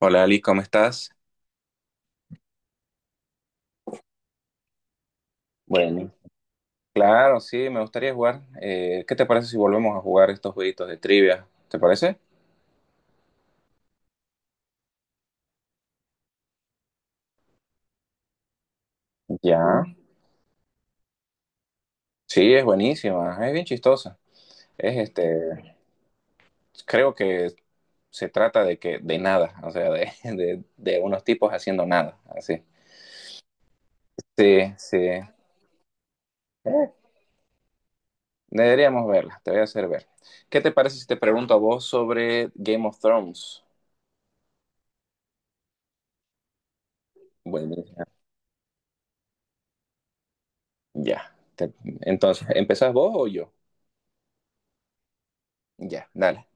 Hola Ali, ¿cómo estás? Bueno, claro, sí, me gustaría jugar. ¿Qué te parece si volvemos a jugar estos jueguitos de trivia? ¿Te parece? Ya. Sí, es buenísima, es bien chistosa. Es este, creo que se trata de que de nada, o sea, de unos tipos haciendo nada, así. Sí, sí. Deberíamos verla, te voy a hacer ver. ¿Qué te parece si te pregunto a vos sobre Game of Thrones? Buenísimo. Ya. Entonces, ¿empezás vos o yo? Ya, dale.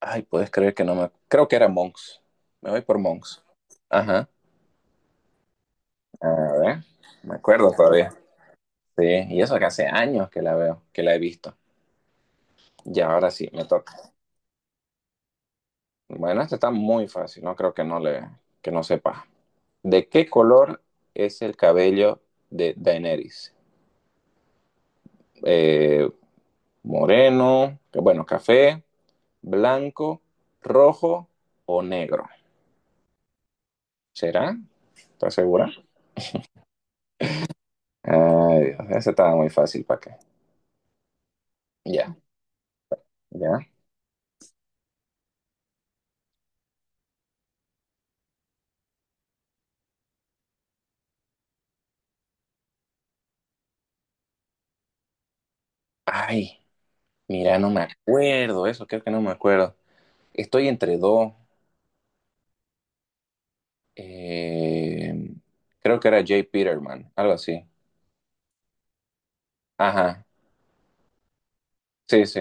Ay, puedes creer que no me... Creo que era Monks. Me voy por Monks. Ajá. A ver, me acuerdo todavía. Sí, y eso que hace años que la veo, que la he visto. Y ahora sí, me toca. Bueno, esta está muy fácil, no creo que no le, que no sepa. ¿De qué color es el cabello de Daenerys? Eh, café, blanco, rojo o negro. ¿Será? ¿Estás segura? Ay, Dios, esa estaba muy fácil para qué. Ya. ¿Ya? Ay, mira, no me acuerdo eso, creo que no me acuerdo. Estoy entre dos. eh, Creo que era Jay Peterman, algo así. Ajá, sí, sí.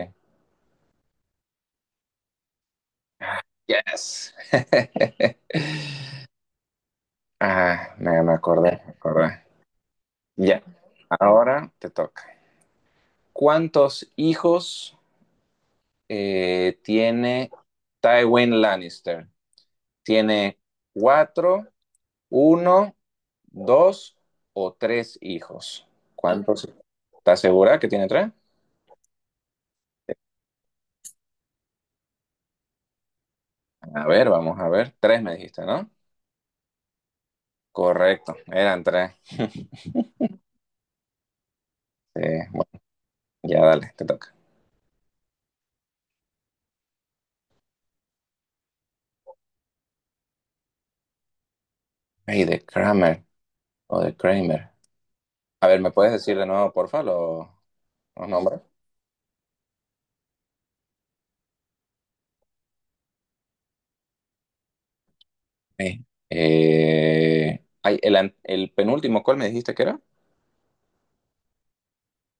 Ah, Yes. Ah, me acordé, me acordé. Ya, ahora te toca. ¿Cuántos hijos tiene Tywin Lannister? Tiene cuatro, uno dos o tres hijos. ¿Cuántos? ¿Estás segura que tiene tres? A ver, vamos a ver. Tres me dijiste, ¿no? Correcto, eran tres. Bueno, ya dale, te toca. Ay, de Kramer o de Kramer. A ver, ¿me puedes decir de nuevo, porfa, los nombres? Sí. El penúltimo, ¿cuál me dijiste que era?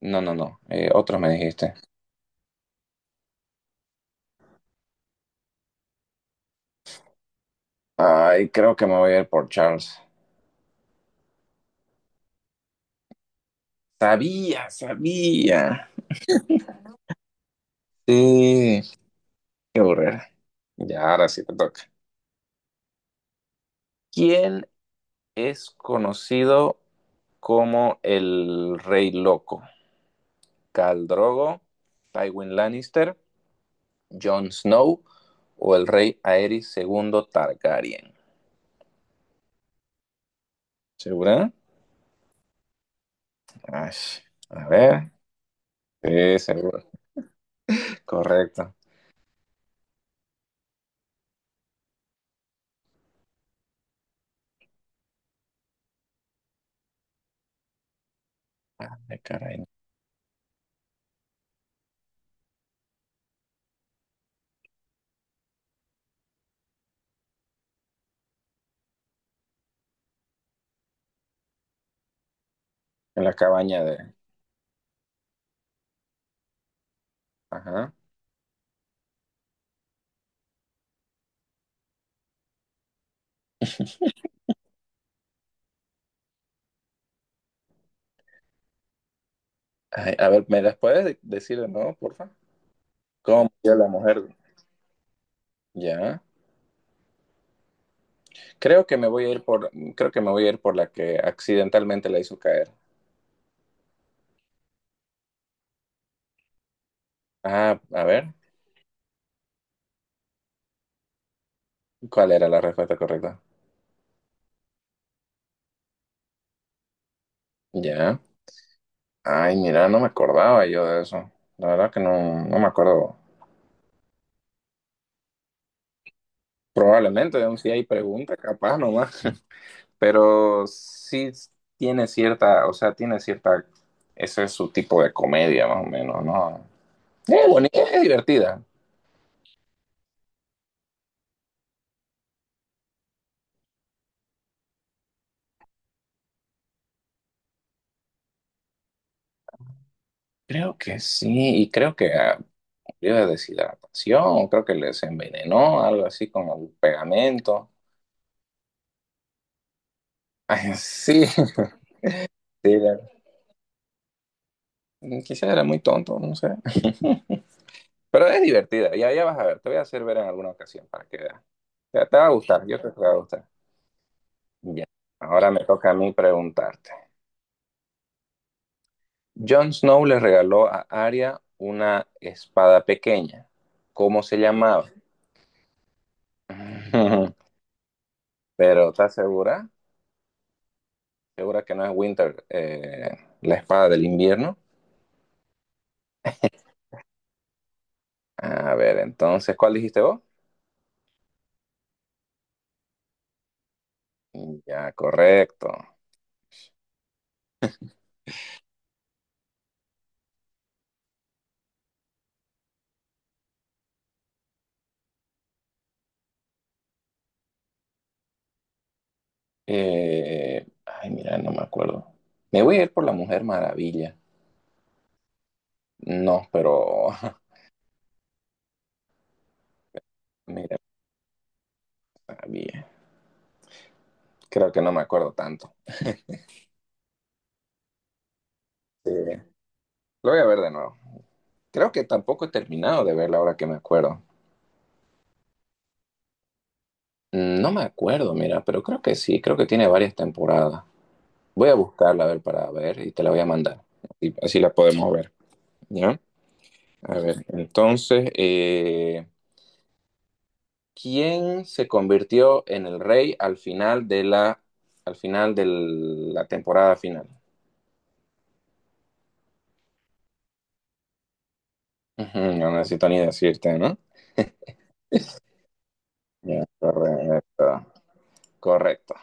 No, no, no. Otro me dijiste. Ay, creo que me voy a ir por Charles. Sabía, sabía. Sí. Qué aburrida. Ya, ahora sí te toca. ¿Quién es conocido como el Rey Loco? ¿Khal Drogo, Tywin Lannister, Jon Snow o el Rey Aerys segundo Targaryen? ¿Segura? Ay, a ver. Sí, seguro. Correcto. Ay, caray. En la cabaña de... Ajá. Ay, a ver, ¿me las puedes decir de nuevo, porfa? ¿Cómo murió la mujer? Ya. Creo que me voy a ir por, creo que me voy a ir por la que accidentalmente la hizo caer. Ah, a ver, ¿cuál era la respuesta correcta? Ya. Ay, mira, no me acordaba yo de eso. La verdad que no, no me acuerdo. Probablemente, aún si hay pregunta, capaz nomás. Pero sí tiene cierta, o sea, tiene cierta, ese es su tipo de comedia más o menos, ¿no? Es bonita, es divertida. Creo que sí, y creo que ah, sufrió de deshidratación, creo que les envenenó, algo así con el pegamento. Ay, sí, sí, la- quizás era muy tonto, no sé. Pero es divertida, ya, ya vas a ver, te voy a hacer ver en alguna ocasión para que veas. Te va a gustar, yo creo que te va a gustar. Ya, ahora me toca a mí preguntarte. Jon Snow le regaló a Arya una espada pequeña. ¿Cómo se llamaba? Pero ¿estás segura? ¿Segura que no es Winter, la espada del invierno? A ver, entonces, ¿cuál dijiste vos? Ya, correcto. Ay, mira, no me acuerdo. Me voy a ir por la Mujer Maravilla. No, pero mira, Maravilla. Creo que no me acuerdo tanto. Sí. Lo voy a ver de nuevo. Creo que tampoco he terminado de verla ahora que me acuerdo. Mm, no me acuerdo, mira, pero creo que sí, creo que tiene varias temporadas. Voy a buscarla a ver para ver y te la voy a mandar y así la podemos ver. ¿Ya? A ver, entonces, ¿quién se convirtió en el rey al final de la, al final de la temporada final? Ujú, no necesito ni decirte, ¿no? Ya, correcto. Correcto.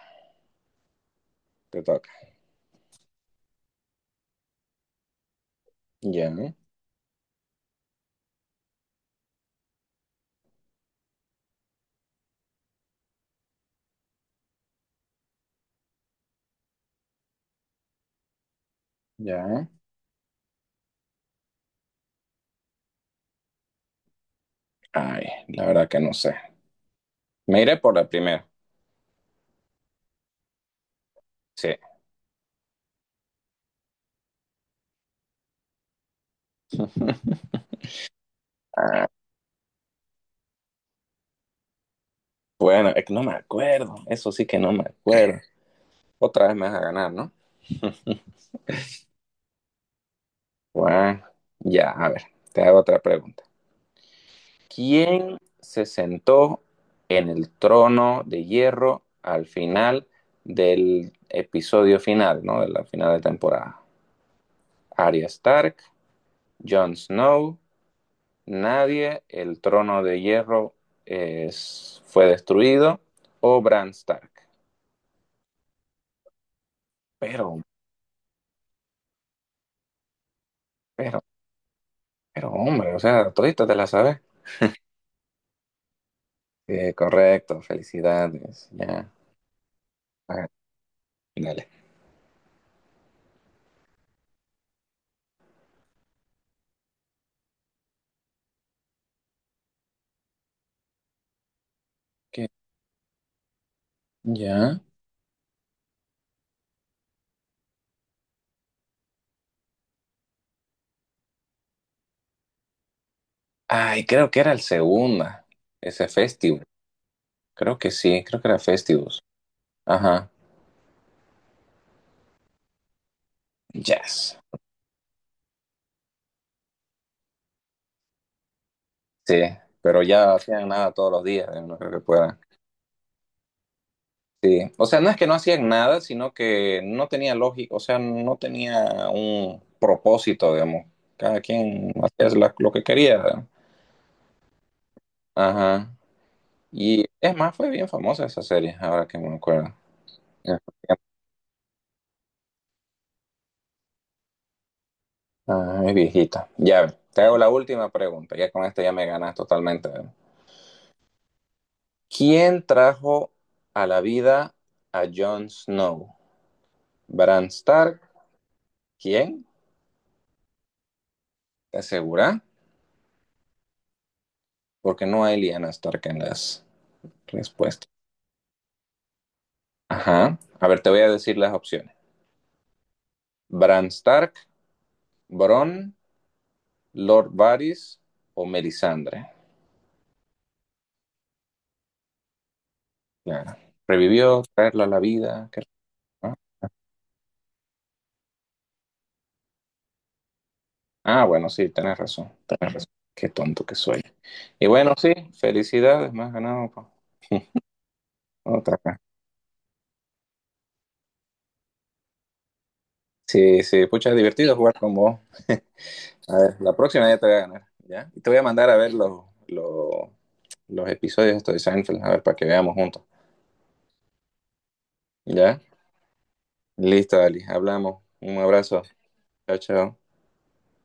Te toca. Ya, ya. Ay, la verdad que no sé. Me iré por la primera. Sí. Ah, bueno, es que no me acuerdo. Eso sí que no me acuerdo. Otra vez me vas a ganar, ¿no? Bueno, ya, a ver. Te hago otra pregunta. ¿Quién se sentó en el trono de hierro al final del episodio final, ¿no? De la final de temporada. Arya Stark, Jon Snow, nadie, el trono de hierro fue destruido, o Bran Stark. Pero, pero, pero, hombre, o sea, todita te la sabes. Correcto, felicidades, ya. Ah, dale. ¿Qué? Ya. Ay, creo que era el segundo, ese festival. Creo que sí, creo que era Festivus. Ajá. Yes. Sí, pero ya hacían nada todos los días, no creo que puedan. Sí. O sea, no es que no hacían nada, sino que no tenía lógica, o sea, no tenía un propósito, digamos. Cada quien hacía lo que quería, ¿verdad? Ajá. Y es más, fue bien famosa esa serie, ahora que me acuerdo. Ah, es viejita. Ya, te hago la última pregunta, ya con esta ya me ganas totalmente. ¿Quién trajo a la vida a Jon Snow? ¿Bran Stark? ¿Quién? ¿Te asegura? Porque no hay Lyanna Stark en las respuestas. Ajá. A ver, te voy a decir las opciones. Bran Stark, Bron, Lord Varys o Melisandre. Claro. Revivió, traerlo a la vida. Qué. Ah, bueno, sí, tenés razón. Tenés razón. Qué tonto que soy. Y bueno, sí, felicidades, más ganado, po. Otra. Sí, sí, pucha, divertido jugar con vos. A ver, la próxima ya te voy a ganar, ¿ya? Y te voy a mandar a ver los episodios estos de Seinfeld, a ver, para que veamos juntos, ¿ya? Listo, Ali, hablamos. Un abrazo. Chao, chao.